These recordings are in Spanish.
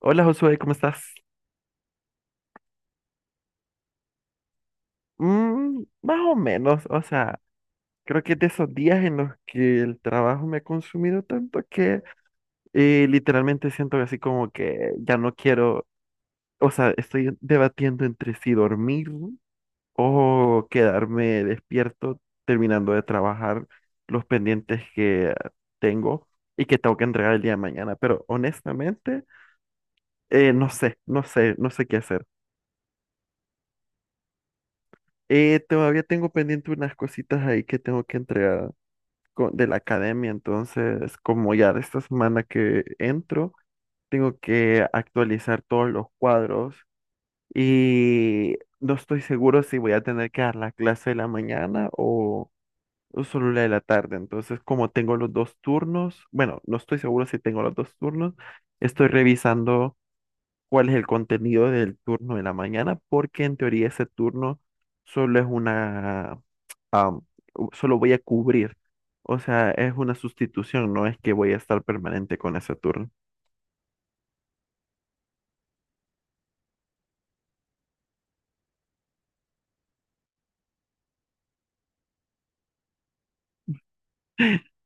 Hola Josué, ¿cómo estás? Mm, más o menos, o sea, creo que es de esos días en los que el trabajo me ha consumido tanto que literalmente siento así como que ya no quiero, o sea, estoy debatiendo entre si dormir o quedarme despierto terminando de trabajar los pendientes que tengo y que tengo que entregar el día de mañana, pero honestamente, no sé, no sé, no sé qué hacer. Todavía tengo pendiente unas cositas ahí que tengo que entregar de la academia, entonces como ya de esta semana que entro, tengo que actualizar todos los cuadros y no estoy seguro si voy a tener que dar la clase de la mañana o solo la de la tarde, entonces como tengo los dos turnos, bueno, no estoy seguro si tengo los dos turnos, estoy revisando cuál es el contenido del turno de la mañana, porque en teoría ese turno solo es una, am, solo voy a cubrir. O sea, es una sustitución, no es que voy a estar permanente con ese turno.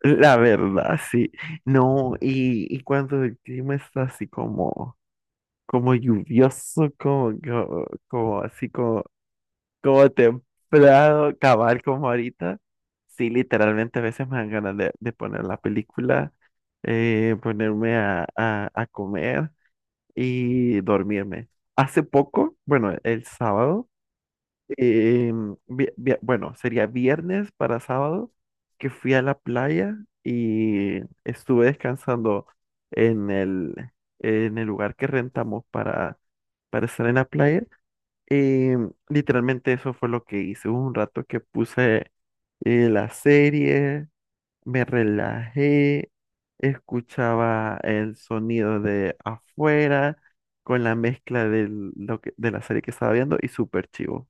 La verdad, sí. No, y cuando el clima está así como, como lluvioso, como así como como templado, acabar como ahorita. Sí, literalmente a veces me dan ganas de poner la película, ponerme a comer y dormirme. Hace poco, bueno, el sábado, eh, bueno, sería viernes para sábado, que fui a la playa y estuve descansando en en el lugar que rentamos para estar en la playa. Y literalmente eso fue lo que hice. Hubo un rato que puse la serie, me relajé, escuchaba el sonido de afuera con la mezcla de, lo que, de la serie que estaba viendo y súper chivo.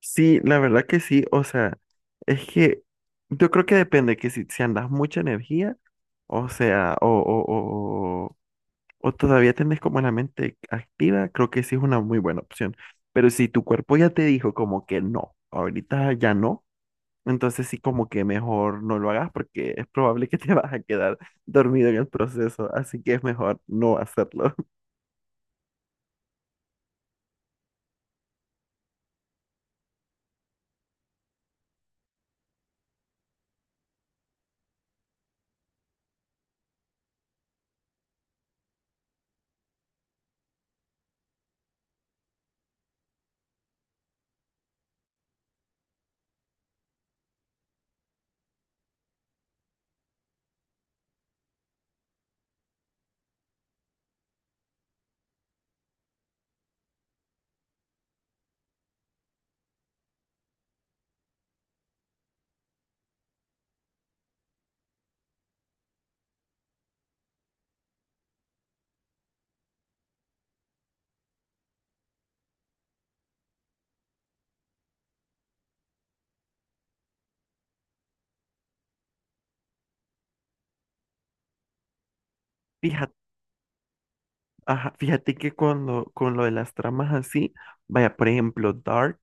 Sí, la verdad que sí. O sea, es que yo creo que depende que si andas mucha energía, o sea, o todavía tenés como la mente activa, creo que sí es una muy buena opción. Pero si tu cuerpo ya te dijo como que no, ahorita ya no, entonces sí como que mejor no lo hagas porque es probable que te vas a quedar dormido en el proceso, así que es mejor no hacerlo. Fíjate, ajá, fíjate que cuando, con lo de las tramas así, vaya, por ejemplo, Dark,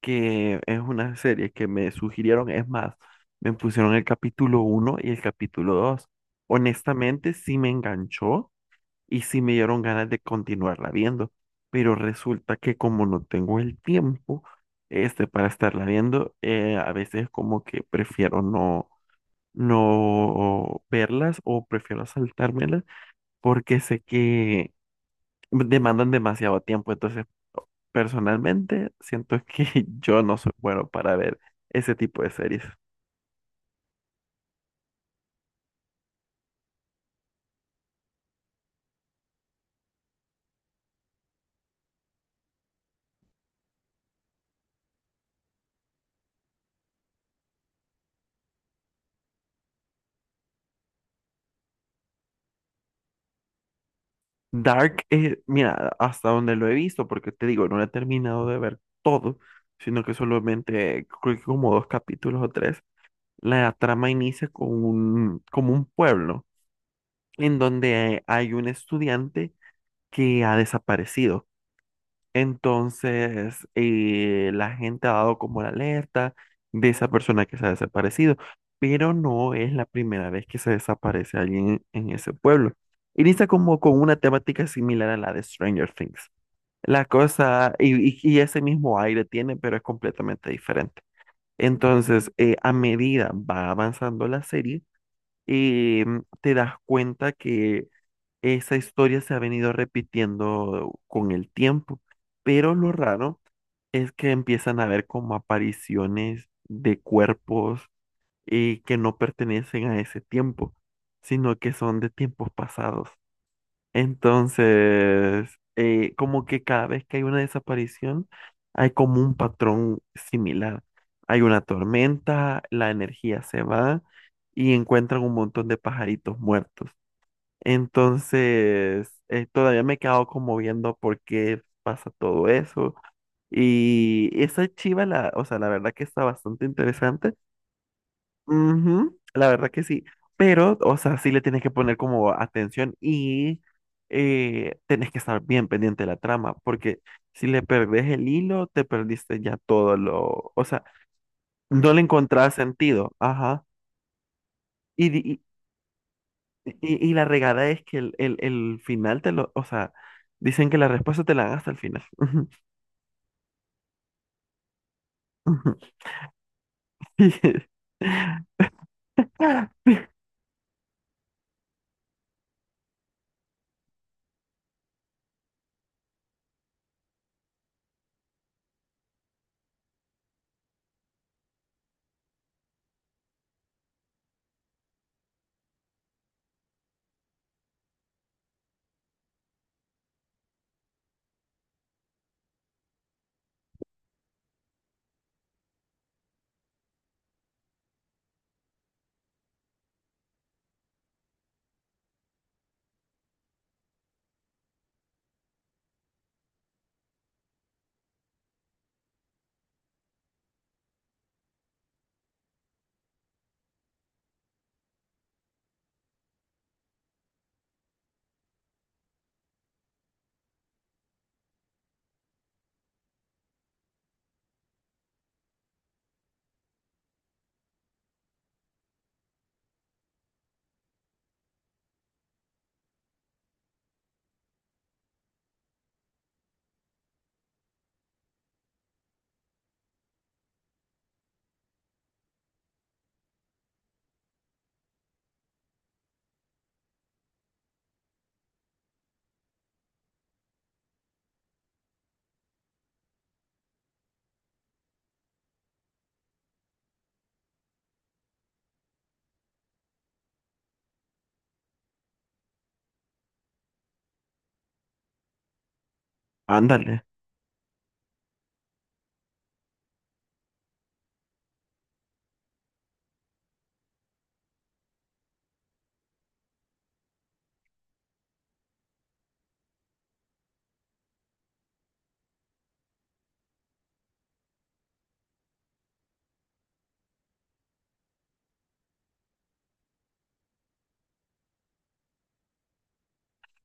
que es una serie que me sugirieron, es más, me pusieron el capítulo uno y el capítulo dos. Honestamente, sí me enganchó y sí me dieron ganas de continuarla viendo, pero resulta que como no tengo el tiempo este para estarla viendo, a veces como que prefiero no verlas o prefiero saltármelas porque sé que demandan demasiado tiempo, entonces personalmente siento que yo no soy bueno para ver ese tipo de series. Dark, mira, hasta donde lo he visto, porque te digo, no lo he terminado de ver todo, sino que solamente creo que como dos capítulos o tres. La trama inicia con un, como un pueblo en donde hay un estudiante que ha desaparecido. Entonces, la gente ha dado como la alerta de esa persona que se ha desaparecido, pero no es la primera vez que se desaparece alguien en ese pueblo. Inicia como con una temática similar a la de Stranger Things. La cosa, y ese mismo aire tiene, pero es completamente diferente. Entonces, a medida va avanzando la serie, eh, te das cuenta que esa historia se ha venido repitiendo con el tiempo, pero lo raro es que empiezan a ver como apariciones de cuerpos que no pertenecen a ese tiempo, sino que son de tiempos pasados. Entonces, como que cada vez que hay una desaparición, hay como un patrón similar. Hay una tormenta, la energía se va y encuentran un montón de pajaritos muertos. Entonces, todavía me he quedado como viendo por qué pasa todo eso. Y esa chiva, la, o sea, la verdad que está bastante interesante. Ujú, la verdad que sí, pero, o sea, sí le tienes que poner como atención y tenés que estar bien pendiente de la trama, porque si le perdés el hilo, te perdiste ya todo lo, o sea, no le encontrás sentido, ajá. Y, di- y la regada es que el final te lo, o sea, dicen que la respuesta te la dan hasta el final. Ándale.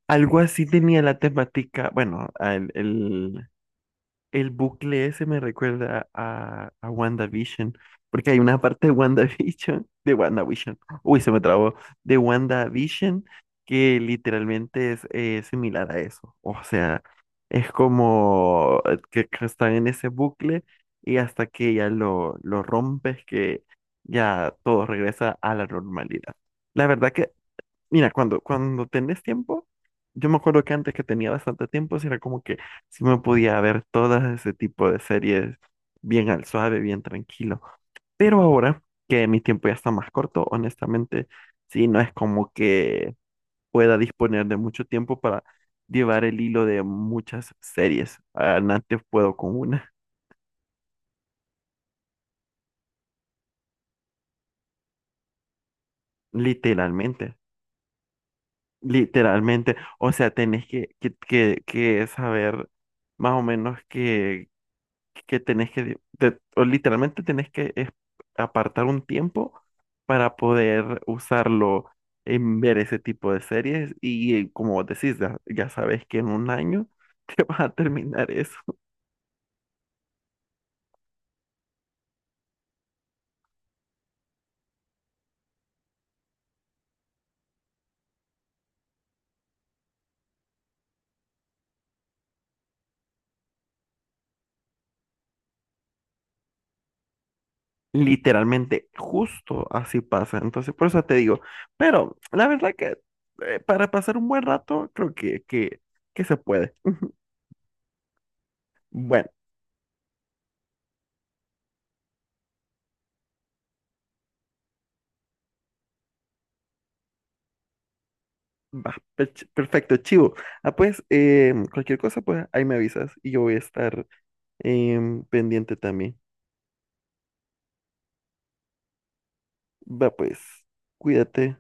Algo así tenía la temática, bueno, el bucle ese me recuerda a WandaVision, porque hay una parte de WandaVision, uy, se me trabó, de WandaVision, que literalmente es similar a eso. O sea, es como que están en ese bucle y hasta que ya lo rompes, que ya todo regresa a la normalidad. La verdad que mira, cuando, cuando tenés tiempo, yo me acuerdo que antes que tenía bastante tiempo, sí era como que sí me podía ver todas ese tipo de series bien al suave, bien tranquilo. Pero ahora que mi tiempo ya está más corto, honestamente, sí, no es como que pueda disponer de mucho tiempo para llevar el hilo de muchas series. Ah, antes puedo con una, literalmente, literalmente. O sea, tenés que saber más o menos qué que tenés que, o literalmente tenés que apartar un tiempo para poder usarlo en ver ese tipo de series y como vos decís, ya, ya sabes que en un año te vas a terminar eso. Literalmente, justo así pasa. Entonces, por eso te digo, pero la verdad que para pasar un buen rato, creo que se puede. Bueno, va, perfecto, chivo. Ah, pues, cualquier cosa, pues ahí me avisas y yo voy a estar pendiente también. Va pues, cuídate.